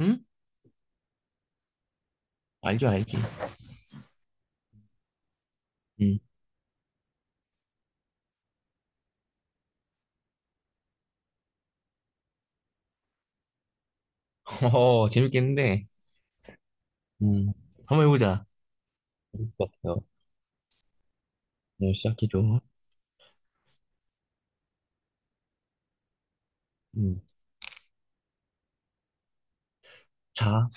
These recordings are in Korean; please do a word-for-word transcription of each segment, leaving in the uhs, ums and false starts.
응? 알죠, 알지. 응. 어, 재밌겠는데. 음. 한번 해보자. 재밌을 것 같아요. 네, 시작해줘. 음. 자,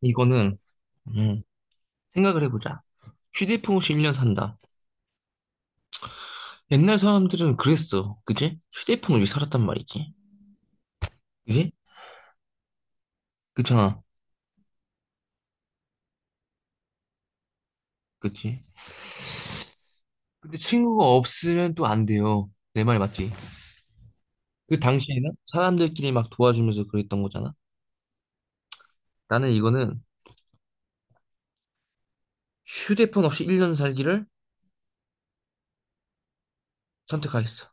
이거는, 음, 생각을 해보자. 휴대폰 없이 일 년 산다. 옛날 사람들은 그랬어. 그지? 휴대폰 없이 살았단 말이지. 그지? 그잖아. 렇 그치? 근데 친구가 없으면 또 안 돼요. 내 말 맞지? 그 당시에는 사람들끼리 막 도와주면서 그랬던 거잖아. 나는 이거는 휴대폰 없이 일 년 살기를 선택하겠어.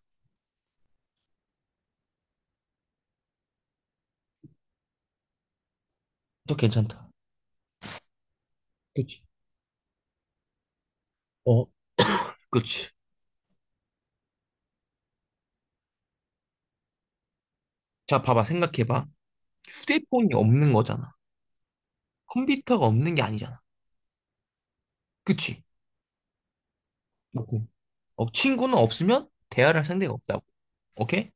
또 괜찮다. 그치? 어, 그렇지. 자, 봐봐, 생각해봐. 휴대폰이 없는 거잖아. 컴퓨터가 없는 게 아니잖아. 그치? 오케이. 어, 친구는 없으면 대화를 할 상대가 없다고. 오케이?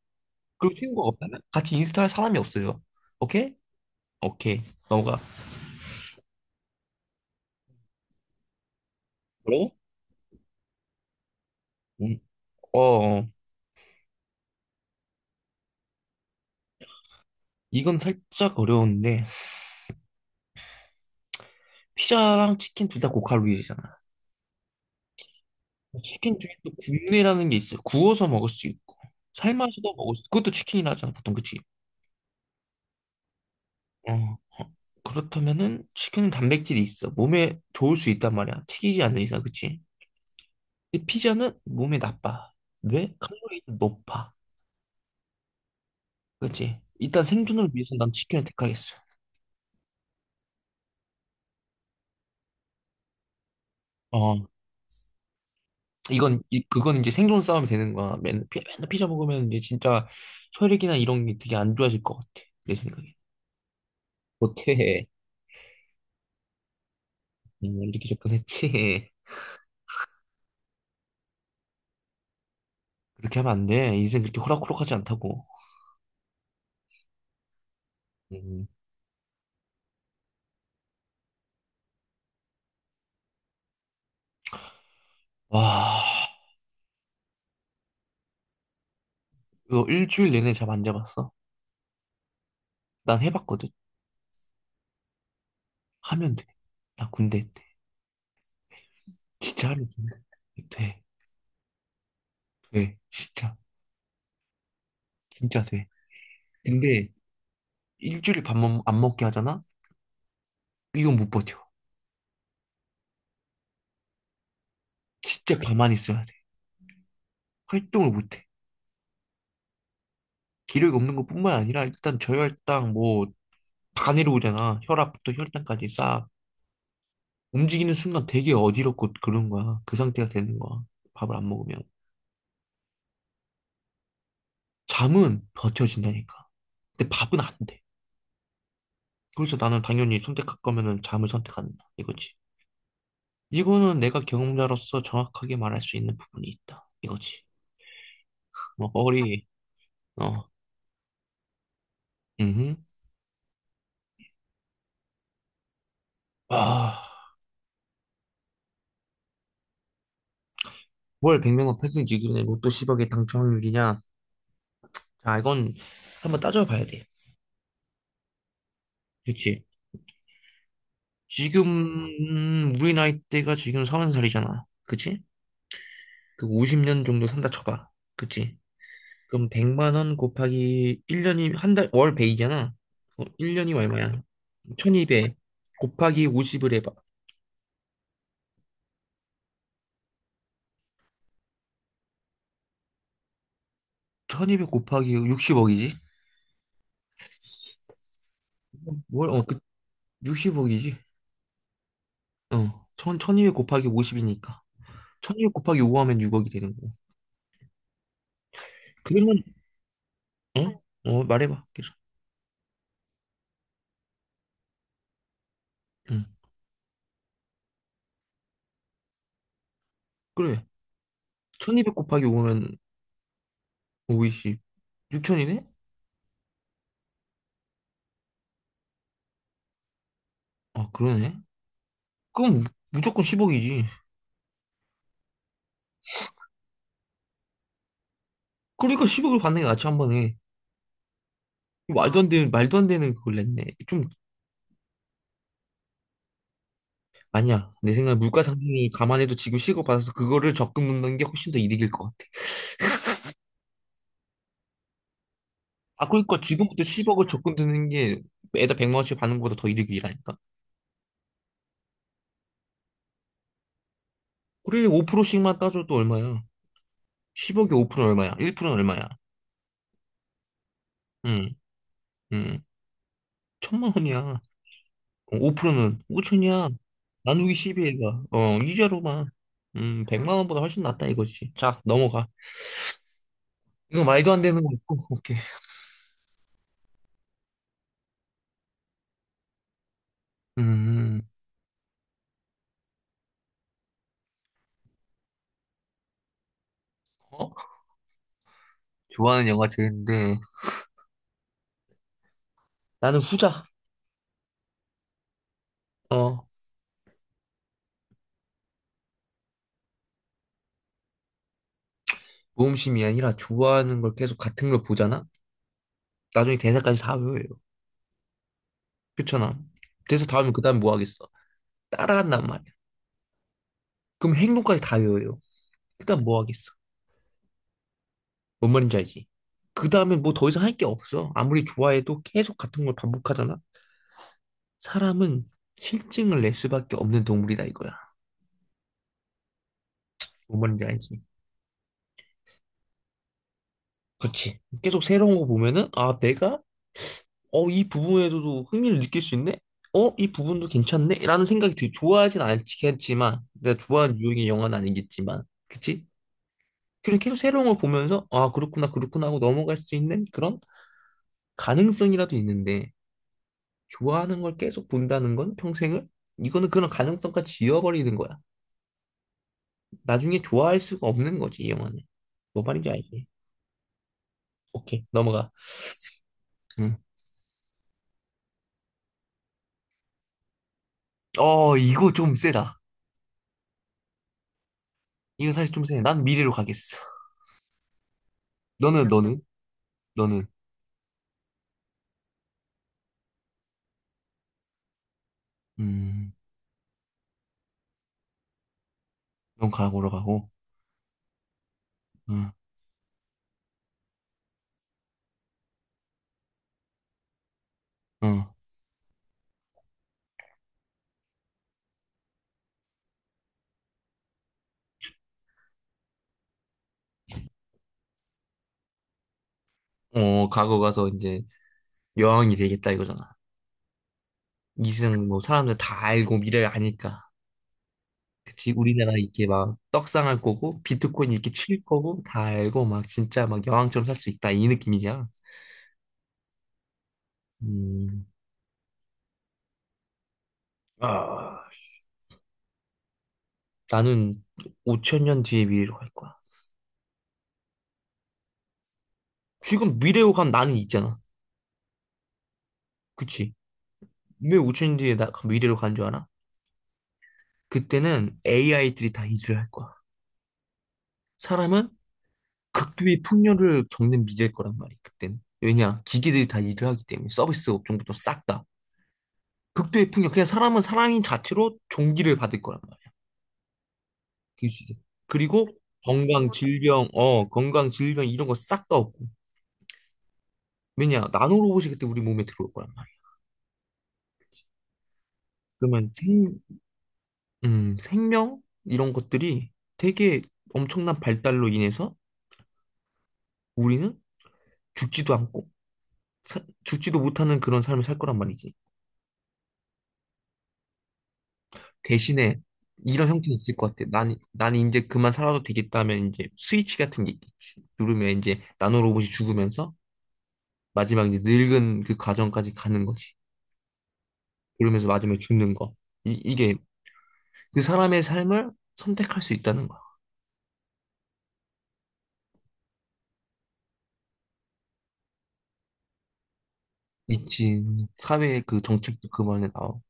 그리고 친구가 없다면 같이 인스타 할 사람이 없어요. 오케이? 오케이. 넘어가. 그리고? 음, 어, 어. 이건 살짝 어려운데, 피자랑 치킨 둘 다 고칼로리잖아. 치킨 중에 또 굽내라는 게 있어요. 구워서 먹을 수 있고, 삶아서도 먹을 수 있고, 그것도 치킨이라 하잖아, 보통. 그치? 어, 어, 그렇다면은 치킨은 단백질이 있어. 몸에 좋을 수 있단 말이야. 튀기지 않는 이상, 그치? 근데 피자는 몸에 나빠. 왜? 칼로리도 높아. 그치? 일단 생존을 위해서 난 치킨을 택하겠어. 어, 이건, 이, 그건 이제 생존 싸움이 되는 거야. 맨날, 피, 맨날 피자 먹으면 이제 진짜 혈액이나 이런 게 되게 안 좋아질 것 같아. 내 생각에. 못해. 음, 이렇게 접근했지. 그렇게 하면 안 돼. 인생 그렇게 호락호락하지 않다고. 음. 와, 이거 일주일 내내 잠 안 자봤어? 난 해봤거든. 하면 돼. 나 군대 때대 진짜 하면 돼. 돼. 돼. 진짜. 진짜 돼. 근데 일주일 밥안 먹게 하잖아? 이건 못 버텨. 진짜 가만히 있어야 돼. 활동을 못 해. 기력이 없는 것뿐만 아니라 일단 저혈당 뭐 다 내려오잖아. 혈압부터 혈당까지 싹. 움직이는 순간 되게 어지럽고 그런 거야. 그 상태가 되는 거야. 밥을 안 먹으면. 잠은 버텨진다니까. 근데 밥은 안 돼. 그래서 나는 당연히 선택할 거면은 잠을 선택한다. 이거지. 이거는 내가 경험자로서 정확하게 말할 수 있는 부분이 있다. 이거지. 뭐, 거리, 어, 음, 아, 월 백 명 은 편승 지급의 로또 십억의 당첨 확률이냐? 자, 이건 한번 따져봐야 돼. 그치? 지금, 음, 우리 나이대가 지금 서른 살이잖아 그치? 그 오십 년 정도 산다 쳐봐. 그치? 그럼 백만 원 곱하기 일 년이, 한 달, 월배이잖아 어, 일 년이면 얼마야? 일천이백 곱하기 오십을 해봐. 천이백 곱하기 육십억이지? 뭘, 어, 그, 육십억이지. 어, 천, 천이백 곱하기 오십이니까. 천이백 곱하기 오 하면 육억이 되는 거고. 그러면, 어? 어, 말해봐, 계속. 응, 그래. 천이백 곱하기 오면 오이공 육천이네 아, 그러네. 그럼 무- 무조건 십억이지. 그러니까 십억을 받는 게 낫지, 한 번에. 말도 안 되는, 말도 안 되는 그걸 냈네. 좀, 아니야. 내 생각에 물가 상승을 감안해도 지금 십억 받아서 그거를 적금 넣는 게 훨씬 더 이득일 것 같아. 아, 그러니까 지금부터 십억을 적금 드는 게 매달 백만 원씩 받는 것보다 더 이득이라니까. 그래, 오 퍼센트씩만 따져도 얼마야? 십억에 오 퍼센트는 얼마야? 일 퍼센트는 얼마야? 응, 응. 천만 원이야. 오 퍼센트는 오천이야. 나누기 일 이가 어, 이자로만. 음, 백만 원보다 훨씬 낫다 이거지. 자, 넘어가. 이거 말도 안 되는 거 있고, 오케이. 음, 어? 좋아하는 영화 제인데 나는 후자. 어, 모험심이 아니라 좋아하는 걸 계속 같은 걸 보잖아? 나중에 대사까지 다 외워요. 그렇잖아. 대사 다 외우면 그 다음 뭐 하겠어? 따라한단 말이야. 그럼 행동까지 다 외워요. 그다음 뭐 하겠어? 뭔 말인지 알지? 그 다음에 뭐 더 이상 할 게 없어. 아무리 좋아해도 계속 같은 걸 반복하잖아? 사람은 실증을 낼 수밖에 없는 동물이다 이거야. 뭔 말인지 알지? 그렇지. 계속 새로운 거 보면은, 아, 내가, 어, 이 부분에서도 흥미를 느낄 수 있네? 어, 이 부분도 괜찮네? 라는 생각이 들, 좋아하진 않겠지만, 내가 좋아하는 유형의 영화는 아니겠지만, 그치? 그냥 계속 새로운 걸 보면서, 아, 그렇구나, 그렇구나 하고 넘어갈 수 있는 그런 가능성이라도 있는데, 좋아하는 걸 계속 본다는 건 평생을? 이거는 그런 가능성까지 지워버리는 거야. 나중에 좋아할 수가 없는 거지, 이 영화는. 뭐 말인지 알지? 오케이, 넘어가. 음. 어, 이거 좀 세다. 이거 사실 좀 세. 난 미래로 가겠어. 너는, 너는? 너는? 음, 넌 과거로 가고, 응, 응. 어, 과거 가서 이제 여왕이 되겠다 이거잖아. 이승 뭐 사람들 다 알고 미래를 아니까. 그치, 우리나라 이게 막 떡상할 거고, 비트코인 이렇게 칠 거고, 다 알고 막 진짜 막 여왕처럼 살 수 있다. 이 느낌이잖아. 음, 아, 나는 오천 년 뒤의 미래로 갈 거야. 지금 미래로 간 나는 있잖아. 그치? 왜 오천 년 뒤에 나 미래로 간 줄 알아? 그때는 에이아이들이 다 일을 할 거야. 사람은 극도의 풍요를 겪는 미래일 거란 말이야, 그때는. 왜냐? 기계들이 다 일을 하기 때문에 서비스 업종부터 싹 다. 극도의 풍요. 그냥 사람은 사람인 자체로 종기를 받을 거란 말이야. 그 시세. 그리고 건강 질병, 어, 건강 질병 이런 거 싹 다 없고. 왜냐, 나노로봇이 그때 우리 몸에 들어올 거란 말이야. 그러면 생, 음, 생명 이런 것들이 되게 엄청난 발달로 인해서 우리는 죽지도 않고 사- 죽지도 못하는 그런 삶을 살 거란 말이지. 대신에 이런 형태는 있을 것 같아. 난, 난 이제 그만 살아도 되겠다면 이제 스위치 같은 게 있겠지. 누르면 이제 나노로봇이 죽으면서 마지막 이제 늙은 그 과정까지 가는 거지. 그러면서 마지막에 죽는 거. 이, 이게 그 사람의 삶을 선택할 수 있다는 거야. 미친 사회의 그 정책도 그만에 나오고.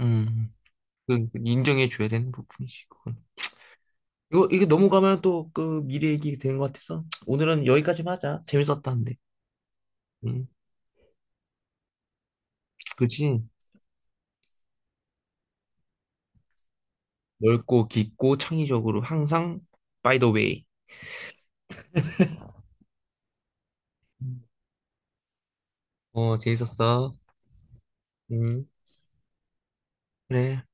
음, 그 인정해줘야 되는 부분이지, 그건. 이거, 이게 넘어가면 또 그 미래 얘기 되는 것 같아서 오늘은 여기까지만 하자. 재밌었다, 근데. 음, 그치. 넓고 깊고 창의적으로 항상 by the way. 음, 어, 재밌었어. 음, 그래.